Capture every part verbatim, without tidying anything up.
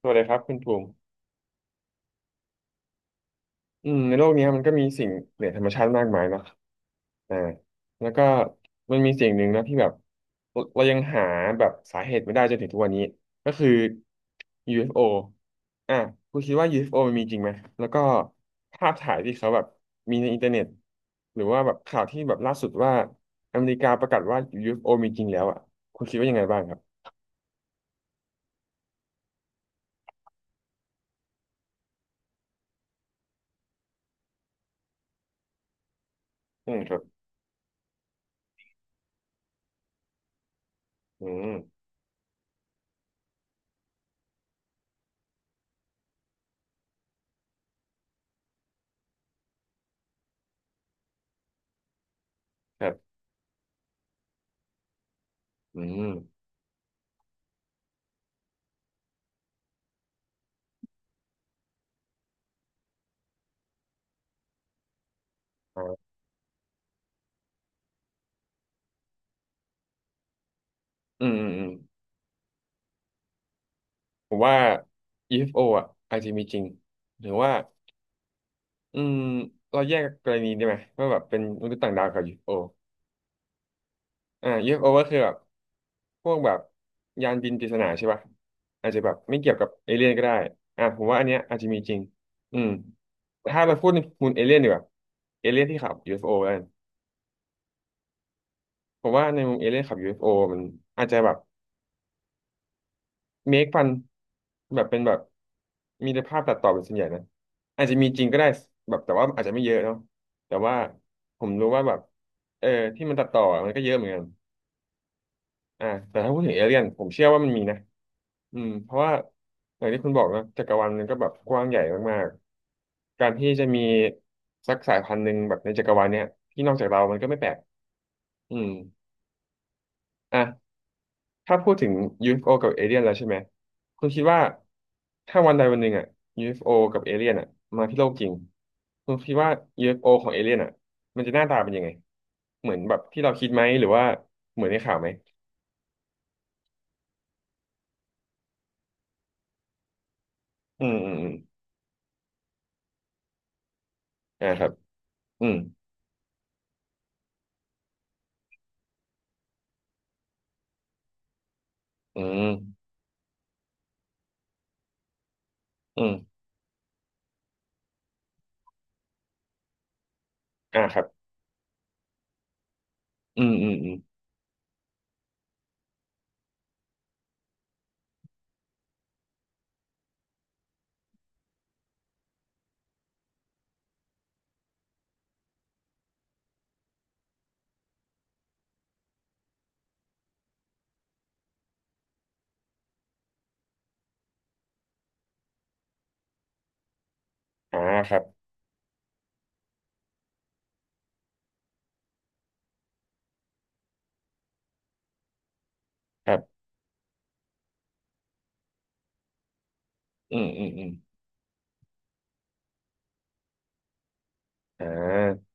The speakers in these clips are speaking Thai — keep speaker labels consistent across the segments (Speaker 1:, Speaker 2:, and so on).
Speaker 1: สวัสดีครับคุณภูมิอืมในโลกนี้มันก็มีสิ่งเหนือธรรมชาติมากมายเนาะอ่าแล้วก็มันมีสิ่งหนึ่งนะที่แบบเราเรายังหาแบบสาเหตุไม่ได้จนถึงทุกวันนี้ก็คือ ยู เอฟ โอ อฟโออ่ะคุณคิดว่า ยู เอฟ โอ มันมีจริงไหมแล้วก็ภาพถ่ายที่เขาแบบมีในอินเทอร์เน็ตหรือว่าแบบข่าวที่แบบล่าสุดว่าอเมริกาประกาศว่า ยู เอฟ โอ มีจริงแล้วอ่ะคุณคิดว่ายังไงบ้างครับอืมครับอืมครับอืมอ่าอืมอืมอืม ผมว่า ยู เอฟ โอ อฟโออ่ะอาจจะมีจริง หรือว่าอืมเราแยกกรณีได้ไหมว่าแบบเป็นมนุษย์ต่างดาวกับ ยู เอฟ โอ อฟโออ่า ยู เอฟ โอ ก็คือแบบพวกแบบยานบินปริศนาใช่ป่ะอาจจะแบบไม่เกี่ยวกับเอเลี่ยนก็ได้อ่าผมว่าอันเนี้ยอาจจะมีจริงอืมแต่ถ้าเราพูดในมุมเอเลี่ยนดีกว่าเอเลี่ยนที่ขับ ยู เอฟ โอ กันผมว่าในมุมเอเลี่ยนขับ ยู เอฟ โอ มันอาจจะแบบ เมคฟันแบบเป็นแบบมีแต่ภาพตัดต่อเป็นส่วนใหญ่นะอาจจะมีจริงก็ได้แบบแต่ว่าอาจจะไม่เยอะเนาะแต่ว่าผมรู้ว่าแบบเออที่มันตัดต่อมันก็เยอะเหมือนกันอ่าแต่ถ้าพูดถึงเอเลี่ยนผมเชื่อว่ามันมีนะอืมเพราะว่าอย่างที่คุณบอกนะจักรวาลมันก็แบบกว้างใหญ่มากๆการที่จะมีสักสายพันธุ์หนึ่งแบบในจักรวาลเนี้ยที่นอกจากเรามันก็ไม่แปลกอืมอ่ะ ถ้าพูดถึง ยู เอฟ โอ กับเอเลี่ยนแล้วใช่ไหมคุณคิดว่าถ้าวันใดวันหนึ่งอ่ะ ยู เอฟ โอ กับเอเลี่ยนอ่ะมาที่โลกจริงคุณคิดว่า ยู เอฟ โอ ของเอเลี่ยนอ่ะมันจะหน้าตาเป็นยังไงเหมือนแบบที่เราคิดไหมหรือว่าเหมือนในข่าวไหมอืมอืมอืมอ่าครับอืมอืมอืมอ่าครับอืมอืมอืมอ่าครับครับอืมอืมอืมอ่า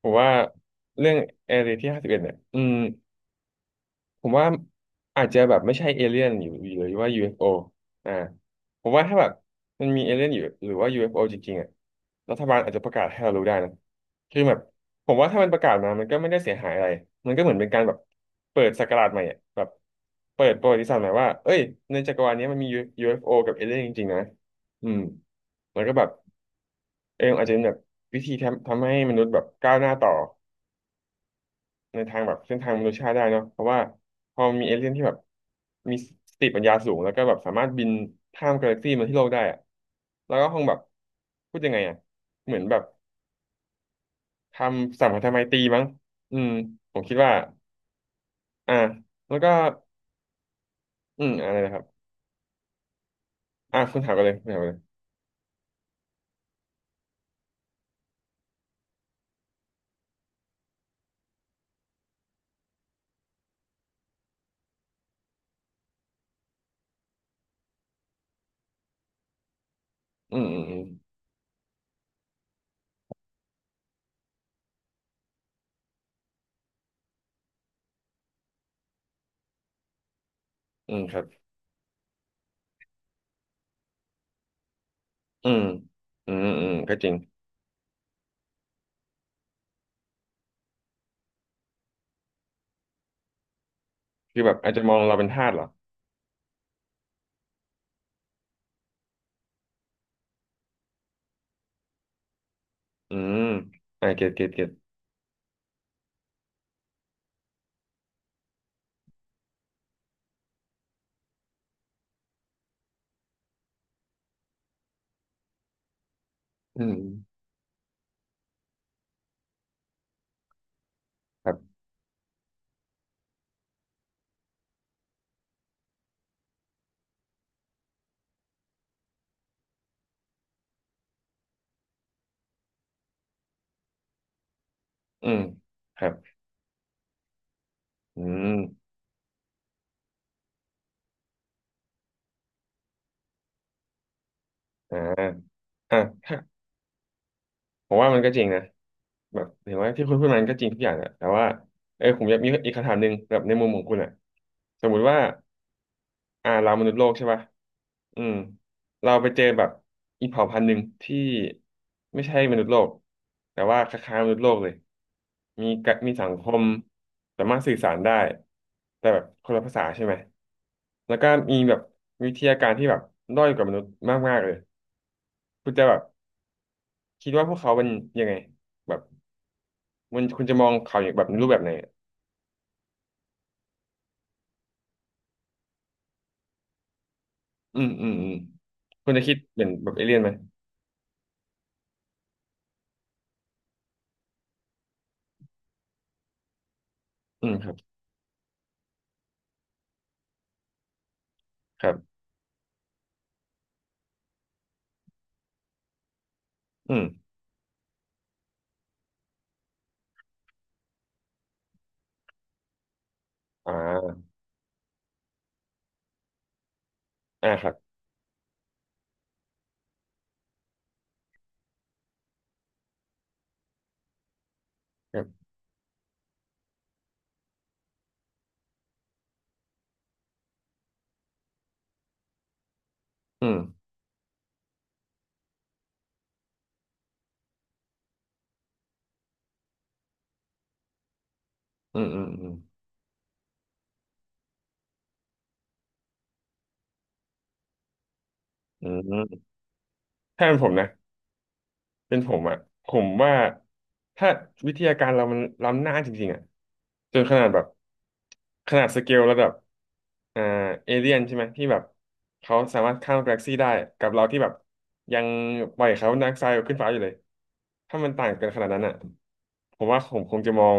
Speaker 1: ผมว่าเรื่องแอเรียที่ห้าสิบเอ็ดเนี่ยอืม ผมว่าอาจจะแบบไม่ใช่เอเลี่ยนอยู่หรือว่า ยู เอฟ โอ อฟโออ่าผมว่าถ้าแบบมันมีเอเลี่ยนอยู่หรือว่า ยู เอฟ โอ จริงๆอ่ะรัฐบาลอาจจะประกาศให้เรารู้ได้นะคือแบบผมว่าถ้ามันประกาศมามันก็ไม่ได้เสียหายอะไรมันก็เหมือนเป็นการแบบเปิดศักราชใหม่อ่ะแบบเปิดประวัติศาสตร์ใหม่ว่าเอ้ยในจักรวาลนี้มันมี ยู เอฟ โอ กับเอเลี่ยนจริงๆนะอืมแล้วก็แบบเอออาจจะเป็นแบบวิธีทำทำให้มนุษย์แบบก้าวหน้าต่อ ในทางแบบเส้นทางมนุษยชาติได้เนาะเพราะว่าพอมีเอเลี่ยนที่แบบมีสติปัญญาสูงแล้วก็แบบสามารถบินข้ามกาแล็กซี่มาที่โลกได้อะแล้วก็คงแบบพูดยังไงอะเหมือนแบบทำสัมพันธไมตรีมั้งอืมผมคิดว่าอ่าแล้วก็อืมอะไรนะครับอ่าคุณถามกันเลยคุณถามกันเลยอืมอืมอืมอืมครับอืมอืมอืมก็จริงคือแบบอาจจะมองเราเป็นทาสเหรออืมอ่าเก็ตเก็ตเก็ตอืมครับอืมครับอืมอ่า อ่ะถ้าผมว่ามันก็จริงนะแบบเห็นว่าที่คุณพูดมันก็จริงทุกอย่างแหละแต่ว่าเออผมอยากมีอีกคำถามหนึ่งแบบในมุมของคุณอ่ะสมมุติว่าอ่าเรามนุษย์โลกใช่ป่ะอืมเราไปเจอแบบอีกเผ่าพันธุ์หนึ่งที่ไม่ใช่มนุษย์โลกแต่ว่าคล้ายๆมนุษย์โลกเลยมีกะมีสังคมสามารถสื่อสารได้แต่แบบคนละภาษาใช่ไหมแล้วก็มีแบบวิทยาการที่แบบด้อยกว่ามนุษย์มากๆเลยคุณจะแบบคิดว่าพวกเขาเป็นยังไงแบบ มันคุณจะมองข่าวอย่างแบบรูปแบบไหนอะอืมอืมอืม คุณจะคิดเป็นแบบเอเลี่ยนไหม อืมครับครับอืมอ่าอ่าครับครับ อืม อืม อืม อืม อืมถ้าเป็นผมนะ เป็นผมอ่ะผมว่าถ้าวิทยาการเรามันล้ำหน้าจริงๆอ่ะจนขนาดแบบขนาดสเกลระดับอ่าเอเลียนใช่ไหมที่แบบเขาสามารถข้ามกาแล็กซี่ได้กับเราที่แบบยังปล่อยคาร์บอนไดออกไซด์ขึ้นฟ้าอยู่เลยถ้ามันต่างกันขนาดนั้นอ่ะผมว่าผมคงจะมอง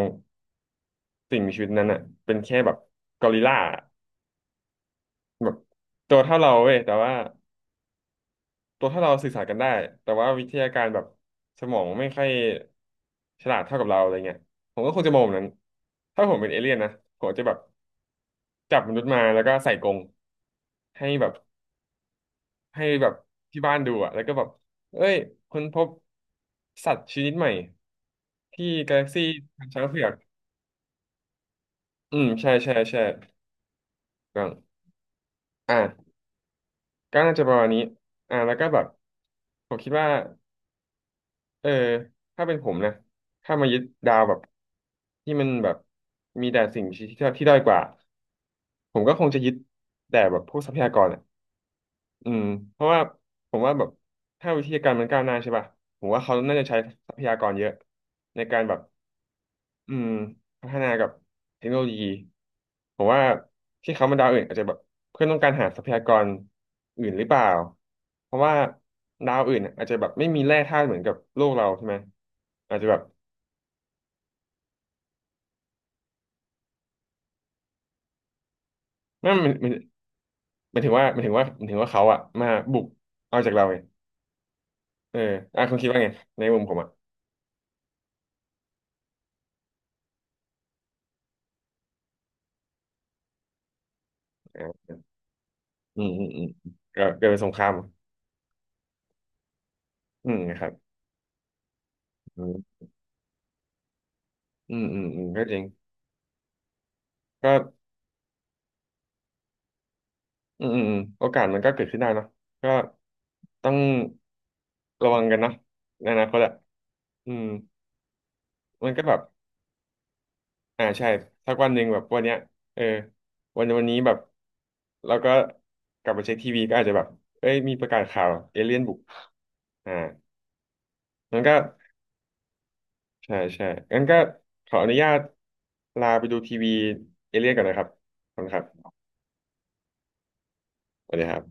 Speaker 1: สิ่งมีชีวิตนั้นอ่ะเป็นแค่แบบกอริลลาแบบตัวเท่าเราเว้ยแต่ว่า ตัวถ้าเราสื่อสารกันได้แต่ว่าวิทยาการแบบสมองไม่ค่อยฉลาดเท่ากับเราอะไรเงี้ยผมก็คงจะมองแบบนั้นถ้าผมเป็นเอเลี่ยนนะผมจะแบบจับมนุษย์มาแล้วก็ใส่กรงให้แบบให้แบบที่บ้านดูอะแล้วก็แบบเอ้ยค้นพบสัตว์ชนิดใหม่ที่กาแล็กซี่ทางช้างเผือกอืมใช่ใช่ใช่ก็อ่ะก็น่าจะประมาณนี้อ่าแล้วก็แบบผมคิดว่า เออถ้าเป็นผมนะถ้ามายึดดาวแบบที่มันแบบมีแต่สิ่งที่ที่ที่ด้อยกว่าผมก็คงจะยึดแต่แบบพวกทรัพยากรอ่ะอืมเพราะว่าผมว่าแบบถ้าวิทยาการมันก้าวหน้าใช่ป่ะผมว่าเขาน่าจะใช้ทรัพยากรเยอะในการแบบอืมพัฒนากับเทคโนโลยีผมว่าที่เขามาดาวอื่นอาจจะแบบเพื่อนต้องการหาทรัพยากรอื่นหรือเปล่าเพราะว่าดาวอื่นอาจจะแบบไม่มีแร่ธาตุเหมือนกับโลกเราใช่ไหมอาจจะแบบ นั่นมันมันหมายถึงว่าหมายถึงว่าหมายถึงว่าเขาอะมาบุกเอาจากเราเองเอออ่ะคุณคิดว่าไงในมุมผมอะอ่าอืมอืมอืมเกิเกิดเป็นสงครามอืมครับอืมอืมอืมอืมก็จริงก็อืมอืมอืมโอกาสมันก็เกิดขึ้นได้เนอะก็ต้องระวังกันเนอะในอนาคตอะอืมมันก็แบบอ่าใช่สักวันหนึ่งแบบวันเนี้ยเออวันวันนี้แบบเราก็กลับไปเช็คทีวีก็อาจจะแบบเอ้ยมีประกาศข่าวเอเลี่ยนบุกอ่า งั้นก็ใช่ใช่งั้นก็ขออนุญาตลาไปดูทีวีเอเลี่ยนก่อนนะครับขอบคุณครับสวัสดีครับ